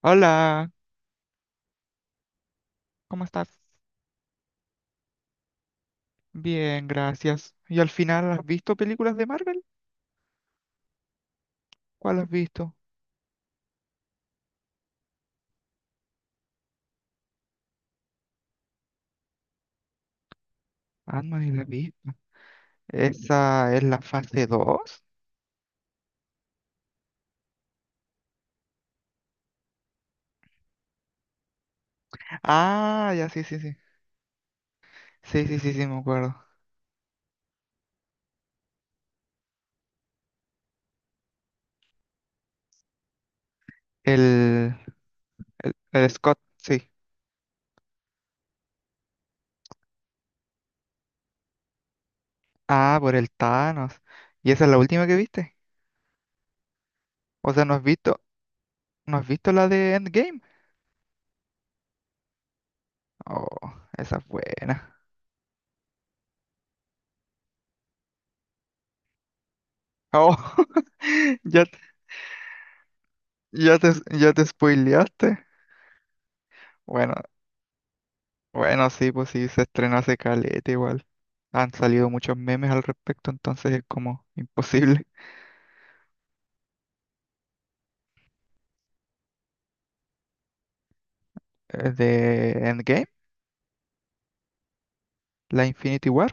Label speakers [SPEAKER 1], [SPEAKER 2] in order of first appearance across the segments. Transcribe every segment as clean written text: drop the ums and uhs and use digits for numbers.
[SPEAKER 1] Hola, ¿cómo estás? Bien, gracias. ¿Y al final has visto películas de Marvel? ¿Cuál has visto? Ant-Man y la Avispa. ¿Esa es la fase dos? Ah, ya, sí, sí, sí. Sí, sí, sí, sí, me acuerdo. El, el Scott, sí. Ah, por el Thanos. ¿Y esa es la última que viste? O sea, ¿ no has visto la de Endgame? Oh, esa es buena. Oh, ya, te- ya te, ya te spoileaste. Bueno, Bueno, sí, pues sí, se estrenó hace caleta igual. Han salido muchos memes al respecto, entonces es como imposible. De Endgame, la Infinity War.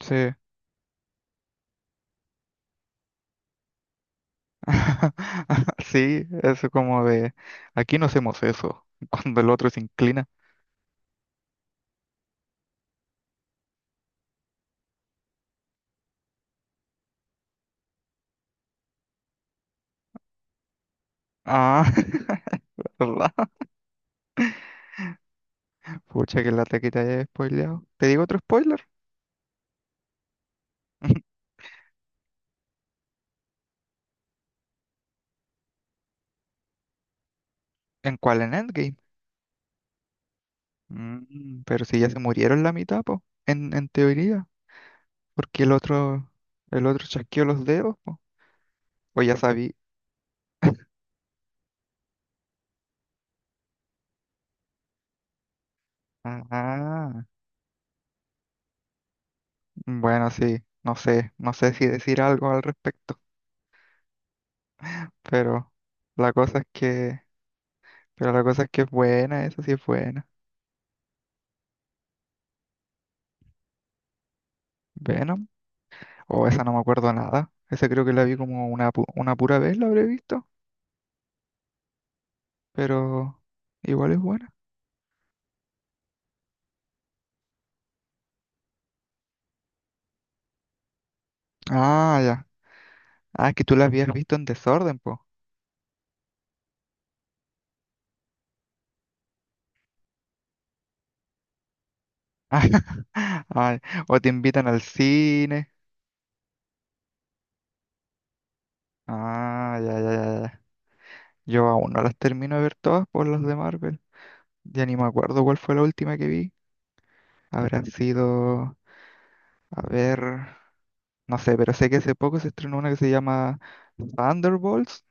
[SPEAKER 1] Sí. Sí, eso como de aquí no hacemos eso, cuando el otro se inclina. Ah, ¿verdad? Pucha, que lata que te haya spoileado. ¿Te digo otro spoiler? ¿En cuál? En Endgame. Mm, pero si ya se murieron la mitad, po. En teoría. Porque el otro, el otro chasqueó los dedos, po. O ya sabí. Ah, bueno, sí, no sé, no sé si decir algo al respecto, pero la cosa es que, pero la cosa es que es buena, esa sí es buena. Venom, o esa no me acuerdo nada, esa creo que la vi como una pura vez la habré visto, pero igual es buena. Ah, ya, ah, es que tú la habías visto en desorden, po. Ay, o te invitan al cine. Ah, ya, ya, ya, ya. Yo aún no las termino de ver todas por las de Marvel. Ya ni me acuerdo cuál fue la última que vi. Habrán sido, a ver, no sé, pero sé que hace poco se estrenó una que se llama Thunderbolts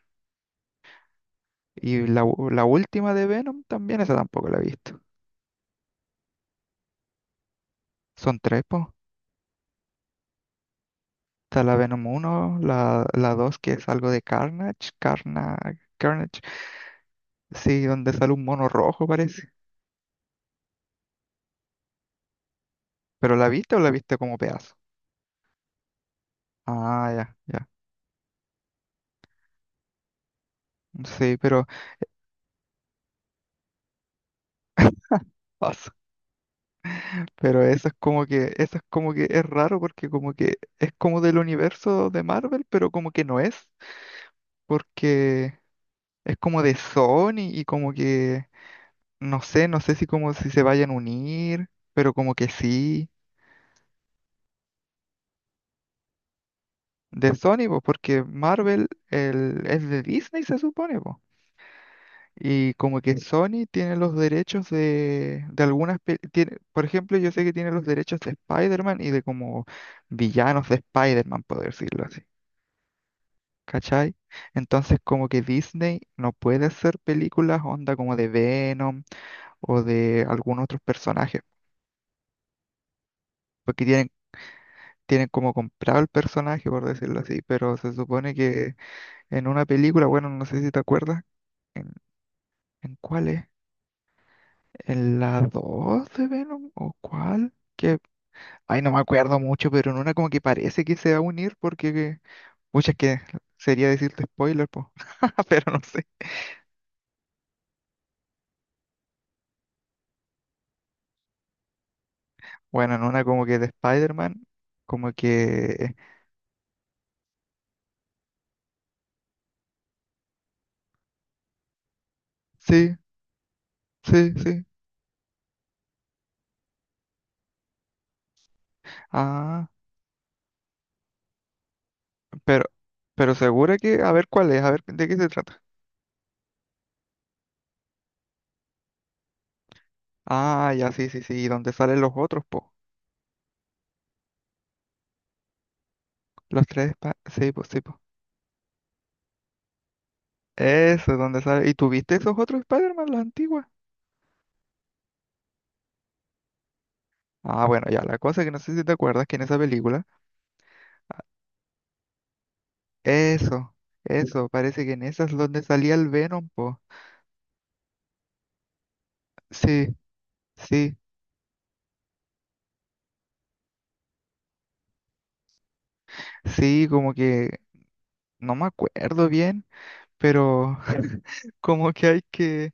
[SPEAKER 1] y la última de Venom también, esa tampoco la he visto. Son tres, po. Está la la 2 que es algo de Carnage, sí, donde sale un mono rojo parece. ¿Pero la viste o la viste como pedazo? Ah, ya, ya. Sí, pero pasa. Pero eso es como que es raro porque como que es como del universo de Marvel, pero como que no es. Porque es como de Sony y como que, no sé, no sé si como si se vayan a unir, pero como que sí, de Sony, pues, porque es de Disney, se supone, pues. Y como que Sony tiene los derechos de algunas, tiene, por ejemplo, yo sé que tiene los derechos de Spider-Man y de como villanos de Spider-Man, por decirlo así, ¿cachai? Entonces como que Disney no puede hacer películas onda como de Venom o de algún otro personaje. porque tienen, tienen como comprado el personaje, por decirlo así, pero se supone que en una película, bueno, no sé si te acuerdas, ¿en, ¿en cuál es? ¿En la 2 de Venom o cuál? Ay, no me acuerdo mucho, pero en una como que parece que se va a unir porque, muchas que sería decirte spoiler, pues, pero no sé. Bueno, en una como que de Spider-Man, como que, sí, sí, sí, ah, pero, pero segura que, a ver cuál es, a ver de qué se trata. Ah, ya, sí, sí, sí. ¿Y dónde salen los otros, po? Sí, pues, sí, po. Eso es donde sale. ¿Y tuviste esos otros Spider-Man, las antiguas? Ah, bueno, ya, la cosa que no sé si te acuerdas que en esa película, eso, eso, parece que en esas es donde salía el Venom, po. Sí, sí, sí, como que no me acuerdo bien, pero como que hay que...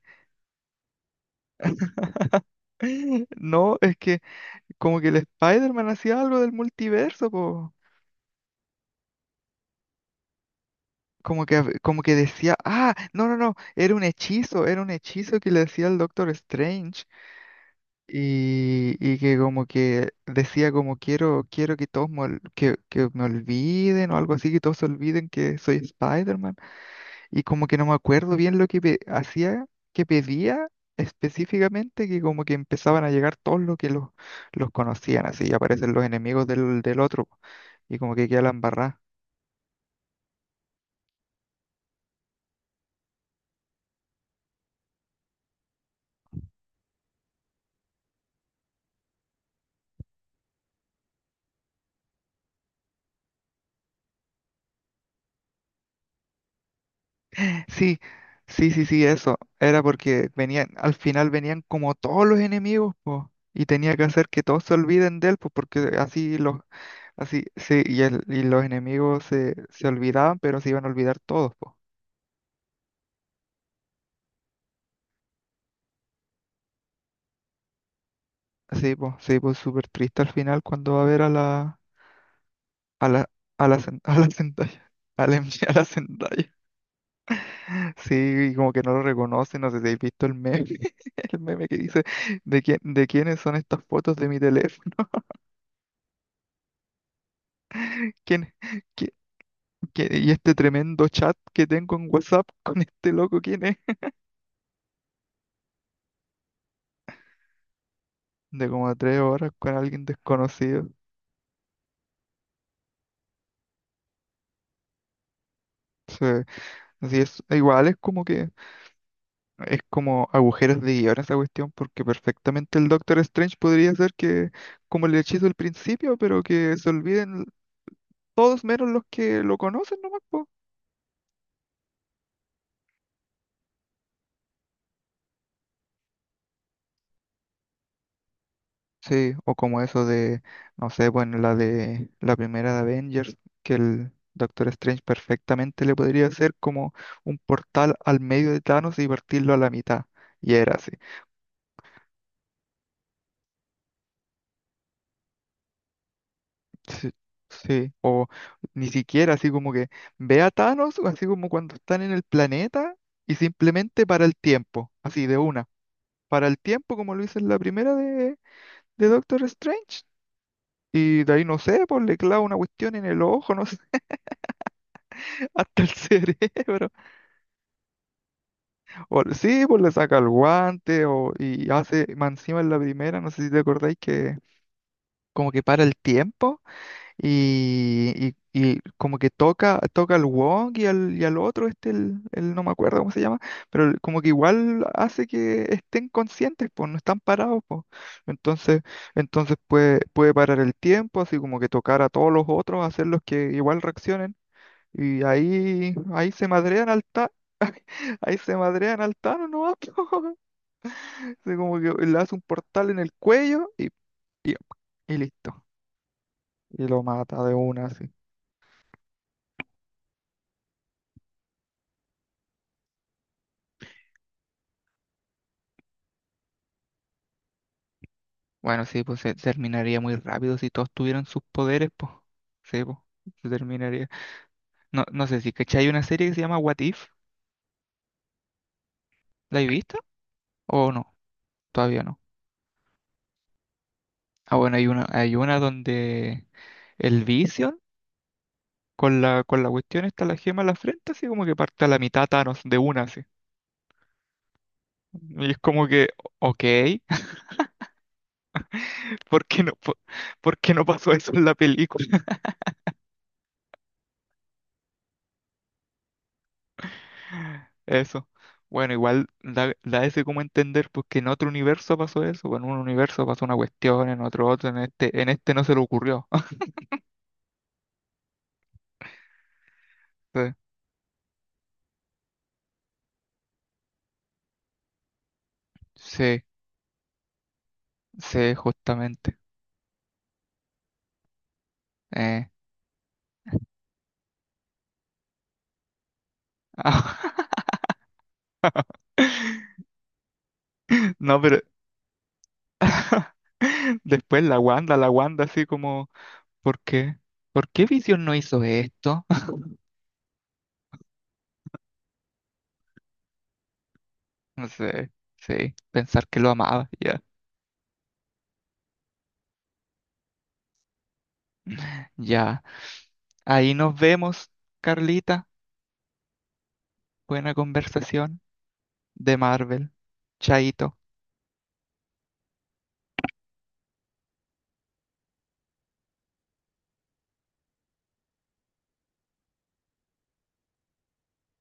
[SPEAKER 1] No, es que como que el Spider-Man hacía algo del multiverso, po. Como que, como que decía, ah, no, no, no, era un hechizo que le decía el Doctor Strange y que como que decía como quiero que todos me, que me olviden o algo así, que todos se olviden que soy Spider-Man y como que no me acuerdo bien lo que hacía, que pedía específicamente, que como que empezaban a llegar todos los que los conocían, así y aparecen los enemigos del otro y como que queda la embarrada. Sí, sí, sí, sí, eso. Era porque venían, al final venían como todos los enemigos, po, y tenía que hacer que todos se olviden de él, pues, porque así los, así, sí, y, el, y los enemigos se, se olvidaban, pero se iban a olvidar todos, pues. Sí, pues, sí, pues, súper triste al final cuando va a ver a la, a la Zendaya, MJ, a la Zendaya. Sí, y como que no lo reconoce, no sé si habéis visto el meme, el meme que dice, ¿de quiénes son estas fotos de mi teléfono? ¿Quién? Y este tremendo chat que tengo en WhatsApp con este loco, ¿quién es? De como tres horas con alguien desconocido. Sí, así es, igual es como que es como agujeros de guión esa cuestión, porque perfectamente el Doctor Strange podría ser que como el hechizo del principio, pero que se olviden todos menos los que lo conocen nomás. Sí, o como eso de, no sé, bueno, la de la primera de Avengers, que el Doctor Strange perfectamente le podría hacer como un portal al medio de Thanos y partirlo a la mitad. Y era así. Sí, sí, o ni siquiera así como que ve a Thanos, así como cuando están en el planeta y simplemente para el tiempo, así de una. Para el tiempo, como lo hizo en la primera de Doctor Strange. Y de ahí no sé, pues le clava una cuestión en el ojo, no sé, hasta el cerebro. O- sí, pues le saca el guante o, y hace, más encima en la primera, no sé si te acordáis que como que para el tiempo y, y como que toca al Wong y y al otro, este, no me acuerdo cómo se llama, pero como que igual hace que estén conscientes, pues no están parados, pues. Entonces, entonces puede, puede parar el tiempo, así como que tocar a todos los otros, hacerlos que igual reaccionen. Y ahí se madrean al ta, ahí se madrean al Thanos, ¿no? Así como que le hace un portal en el cuello y listo. Y lo mata de una, así. Bueno, sí, pues se terminaría muy rápido si todos tuvieran sus poderes, pues. Sí, pues. Se terminaría. No, no sé si, ¿cachai? Hay una serie que se llama What If. ¿La he visto? ¿O no? Todavía no. Ah, bueno, hay una donde el Vision con la cuestión está la gema en la frente, así como que parte a la mitad Thanos de una, así. Y es como que, ok, ¿por qué no, por, ¿por qué no pasó eso en la película? Eso. Bueno, igual da, da ese como entender, porque en otro universo pasó eso, pues, en un universo pasó una cuestión, en otro otro, en este no se le ocurrió. Sí, sí, sí, justamente. Eh. No, pero después la Wanda así como, ¿por qué? ¿Por qué Vision no hizo esto? No sé, sí, pensar que lo amaba, ya, ya. Ahí nos vemos, Carlita. Buena conversación de Marvel. Chaito.